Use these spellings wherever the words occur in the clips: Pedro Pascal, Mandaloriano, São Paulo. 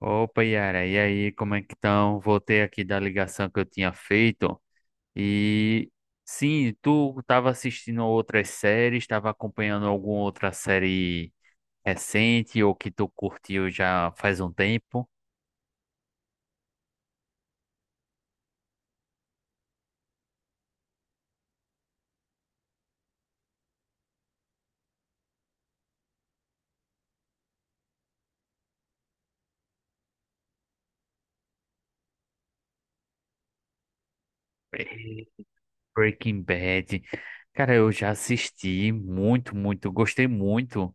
Opa, Yara, e aí, como é que estão? Voltei aqui da ligação que eu tinha feito. E sim, tu estava assistindo outras séries, estava acompanhando alguma outra série recente ou que tu curtiu já faz um tempo? Breaking Bad. Cara, eu já assisti muito, muito, gostei muito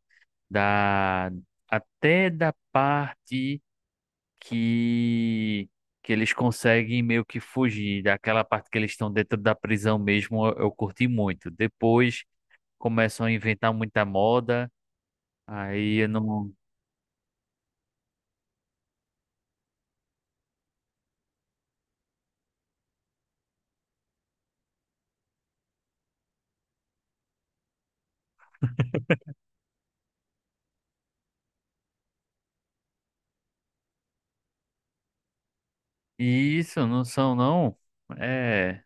da até da parte. que que eles conseguem meio que fugir daquela parte que eles estão dentro da prisão mesmo, eu curti muito. Depois começam a inventar muita moda, aí eu não. Isso, não são não. É.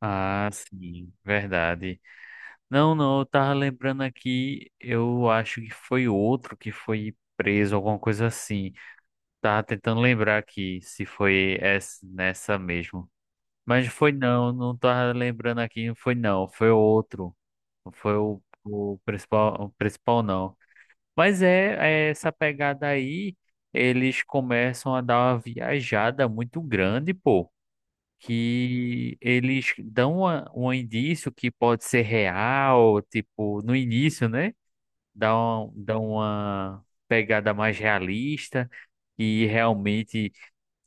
Ah, sim, verdade. Não, não, eu tava lembrando aqui, eu acho que foi outro que foi preso, alguma coisa assim. Tava tentando lembrar aqui se foi essa, nessa mesmo. Mas foi não, não tava lembrando aqui, foi não, foi o outro. Foi o principal, o principal não. Mas é essa pegada aí, eles começam a dar uma viajada muito grande, pô. Que eles dão um indício que pode ser real, tipo, no início, né? Dá uma pegada mais realista e realmente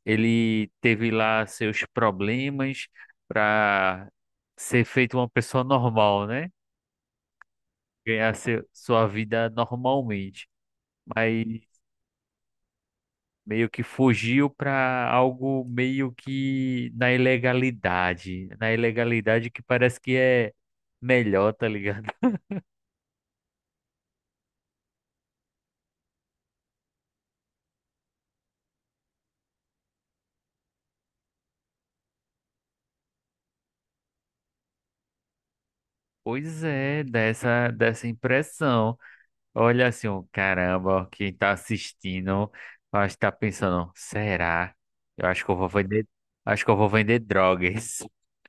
ele teve lá seus problemas para ser feito uma pessoa normal, né? Ganhar seu, sua vida normalmente, mas meio que fugiu para algo meio que na ilegalidade que parece que é melhor, tá ligado? Pois é, dessa impressão. Olha assim, ó, caramba, quem tá assistindo, eu acho que tá pensando, será? Eu acho que eu vou vender, Acho que eu vou vender drogas.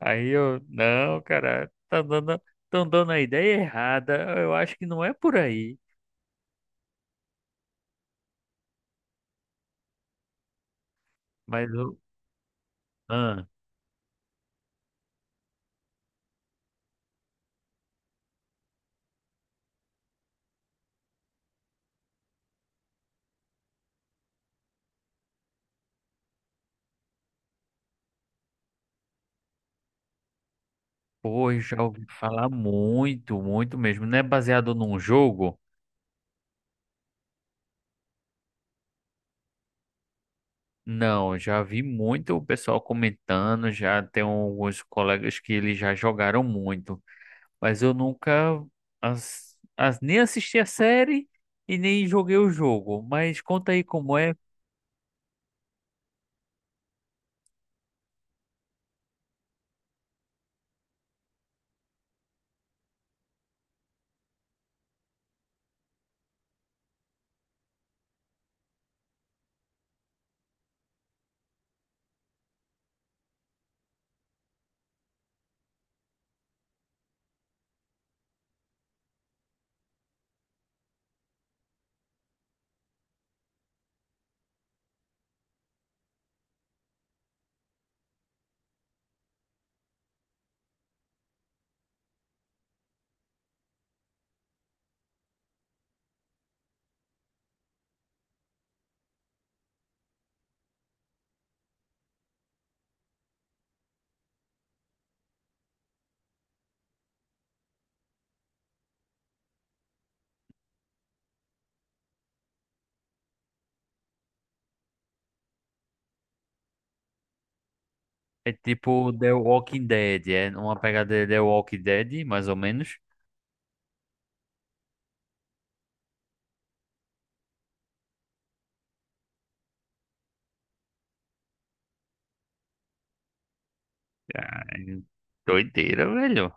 Aí eu, não, cara, tá dando, tão dando a ideia errada. Eu acho que não é por aí. Mas ah, pô, eu já ouvi falar muito, muito mesmo. Não é baseado num jogo? Não, já vi muito o pessoal comentando, já tem alguns colegas que eles já jogaram muito. Mas eu nunca nem assisti a série e nem joguei o jogo. Mas conta aí como é. É tipo The Walking Dead, é uma pegada de The Walking Dead, mais ou menos. Ai, doideira, velho.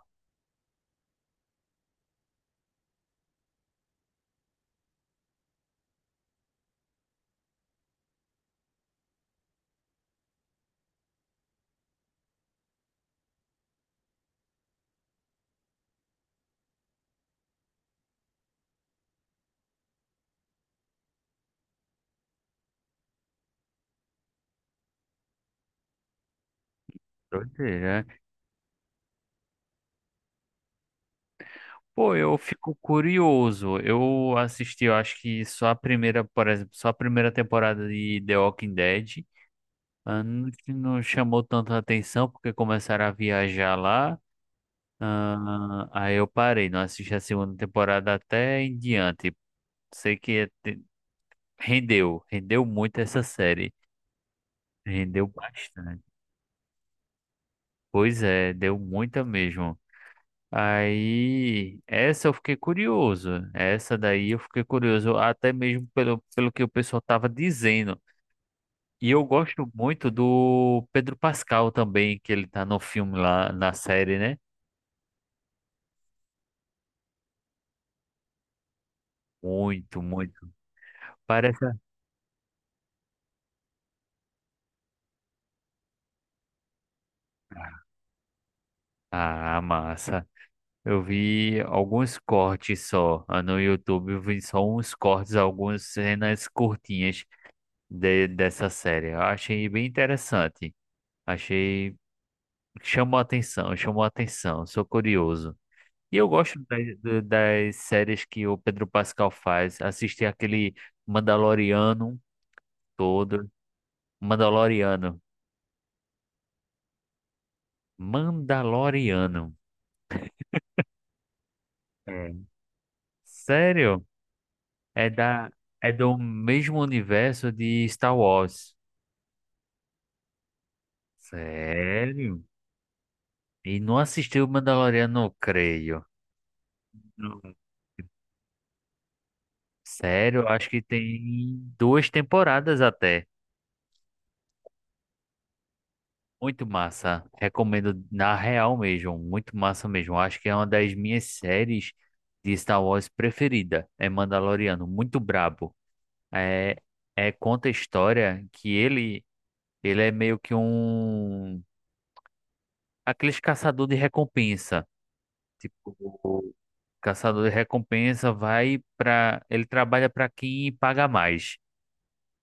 Doideira. Pô, eu fico curioso. Eu assisti, eu acho que só a primeira, por exemplo, só a primeira temporada de The Walking Dead. Ah, não não chamou tanta atenção porque começaram a viajar lá. Ah, aí eu parei, não assisti a segunda temporada até em diante. Sei que te- Rendeu, rendeu muito essa série. Rendeu bastante. Pois é, deu muita mesmo. Aí, essa eu fiquei curioso. Essa daí eu fiquei curioso, até mesmo pelo que o pessoal tava dizendo. E eu gosto muito do Pedro Pascal também, que ele tá no filme lá, na série, né? Muito, muito. Parece. Ah, massa. Eu vi alguns cortes só. Ah, no YouTube eu vi só uns cortes, algumas cenas curtinhas dessa série. Eu achei bem interessante. Achei. Chamou a atenção, chamou a atenção. Sou curioso. E eu gosto das séries que o Pedro Pascal faz. Assisti aquele Mandaloriano todo. Mandaloriano. Mandaloriano. É. Sério? É da, é do mesmo universo de Star Wars. Sério? E não assistiu o Mandaloriano, não creio. Não. Sério, eu acho que tem duas temporadas até. Muito massa. Recomendo na real mesmo. Muito massa mesmo. Acho que é uma das minhas séries de Star Wars preferida. É Mandaloriano. Muito brabo. É, é conta a história que ele é meio que um. Aqueles caçador de recompensa. Tipo. Caçador de recompensa vai para. Ele trabalha para quem paga mais.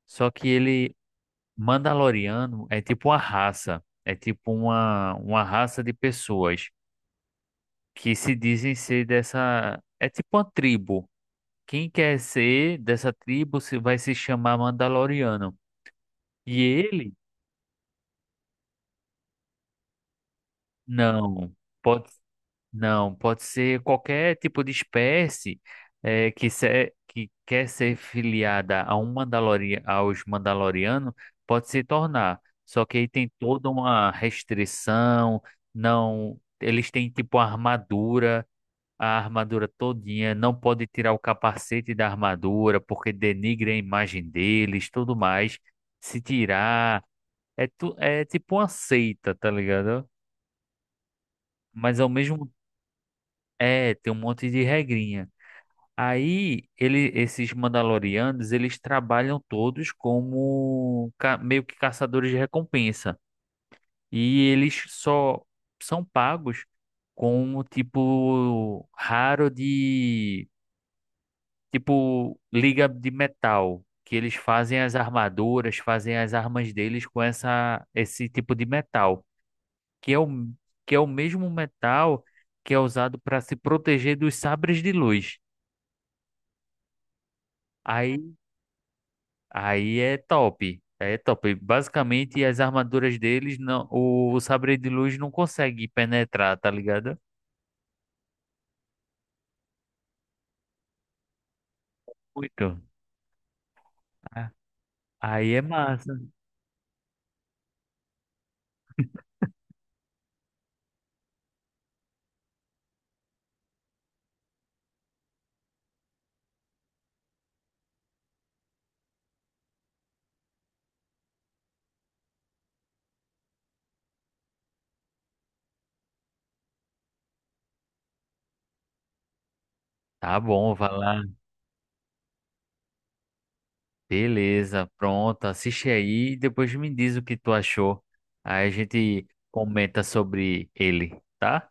Só que ele, Mandaloriano, é tipo uma raça. É tipo uma raça de pessoas que se dizem ser dessa. É tipo uma tribo. Quem quer ser dessa tribo se vai se chamar Mandaloriano. E ele, não. Pode. Não, pode ser qualquer tipo de espécie que, que quer ser filiada a um aos Mandalorianos pode se tornar. Só que aí tem toda uma restrição, não, eles têm tipo a armadura todinha, não pode tirar o capacete da armadura porque denigre a imagem deles, tudo mais. Se tirar, é, tu, é tipo uma seita, tá ligado? Mas ao mesmo é, tem um monte de regrinha. Aí ele, esses Mandalorianos, eles trabalham todos como meio que caçadores de recompensa. E eles só são pagos com o tipo raro de tipo liga de metal, que eles fazem as armaduras, fazem as armas deles com essa esse tipo de metal, que é o que é o mesmo metal que é usado para se proteger dos sabres de luz. Aí aí é top. É top. Basicamente, as armaduras deles, não, o sabre de luz não consegue penetrar, tá ligado? Muito. Ah, aí é massa. Tá bom, vai lá. Beleza, pronto. Assiste aí e depois me diz o que tu achou. Aí a gente comenta sobre ele, tá?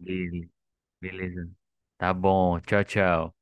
Ele, beleza. Tá bom. Tchau, tchau.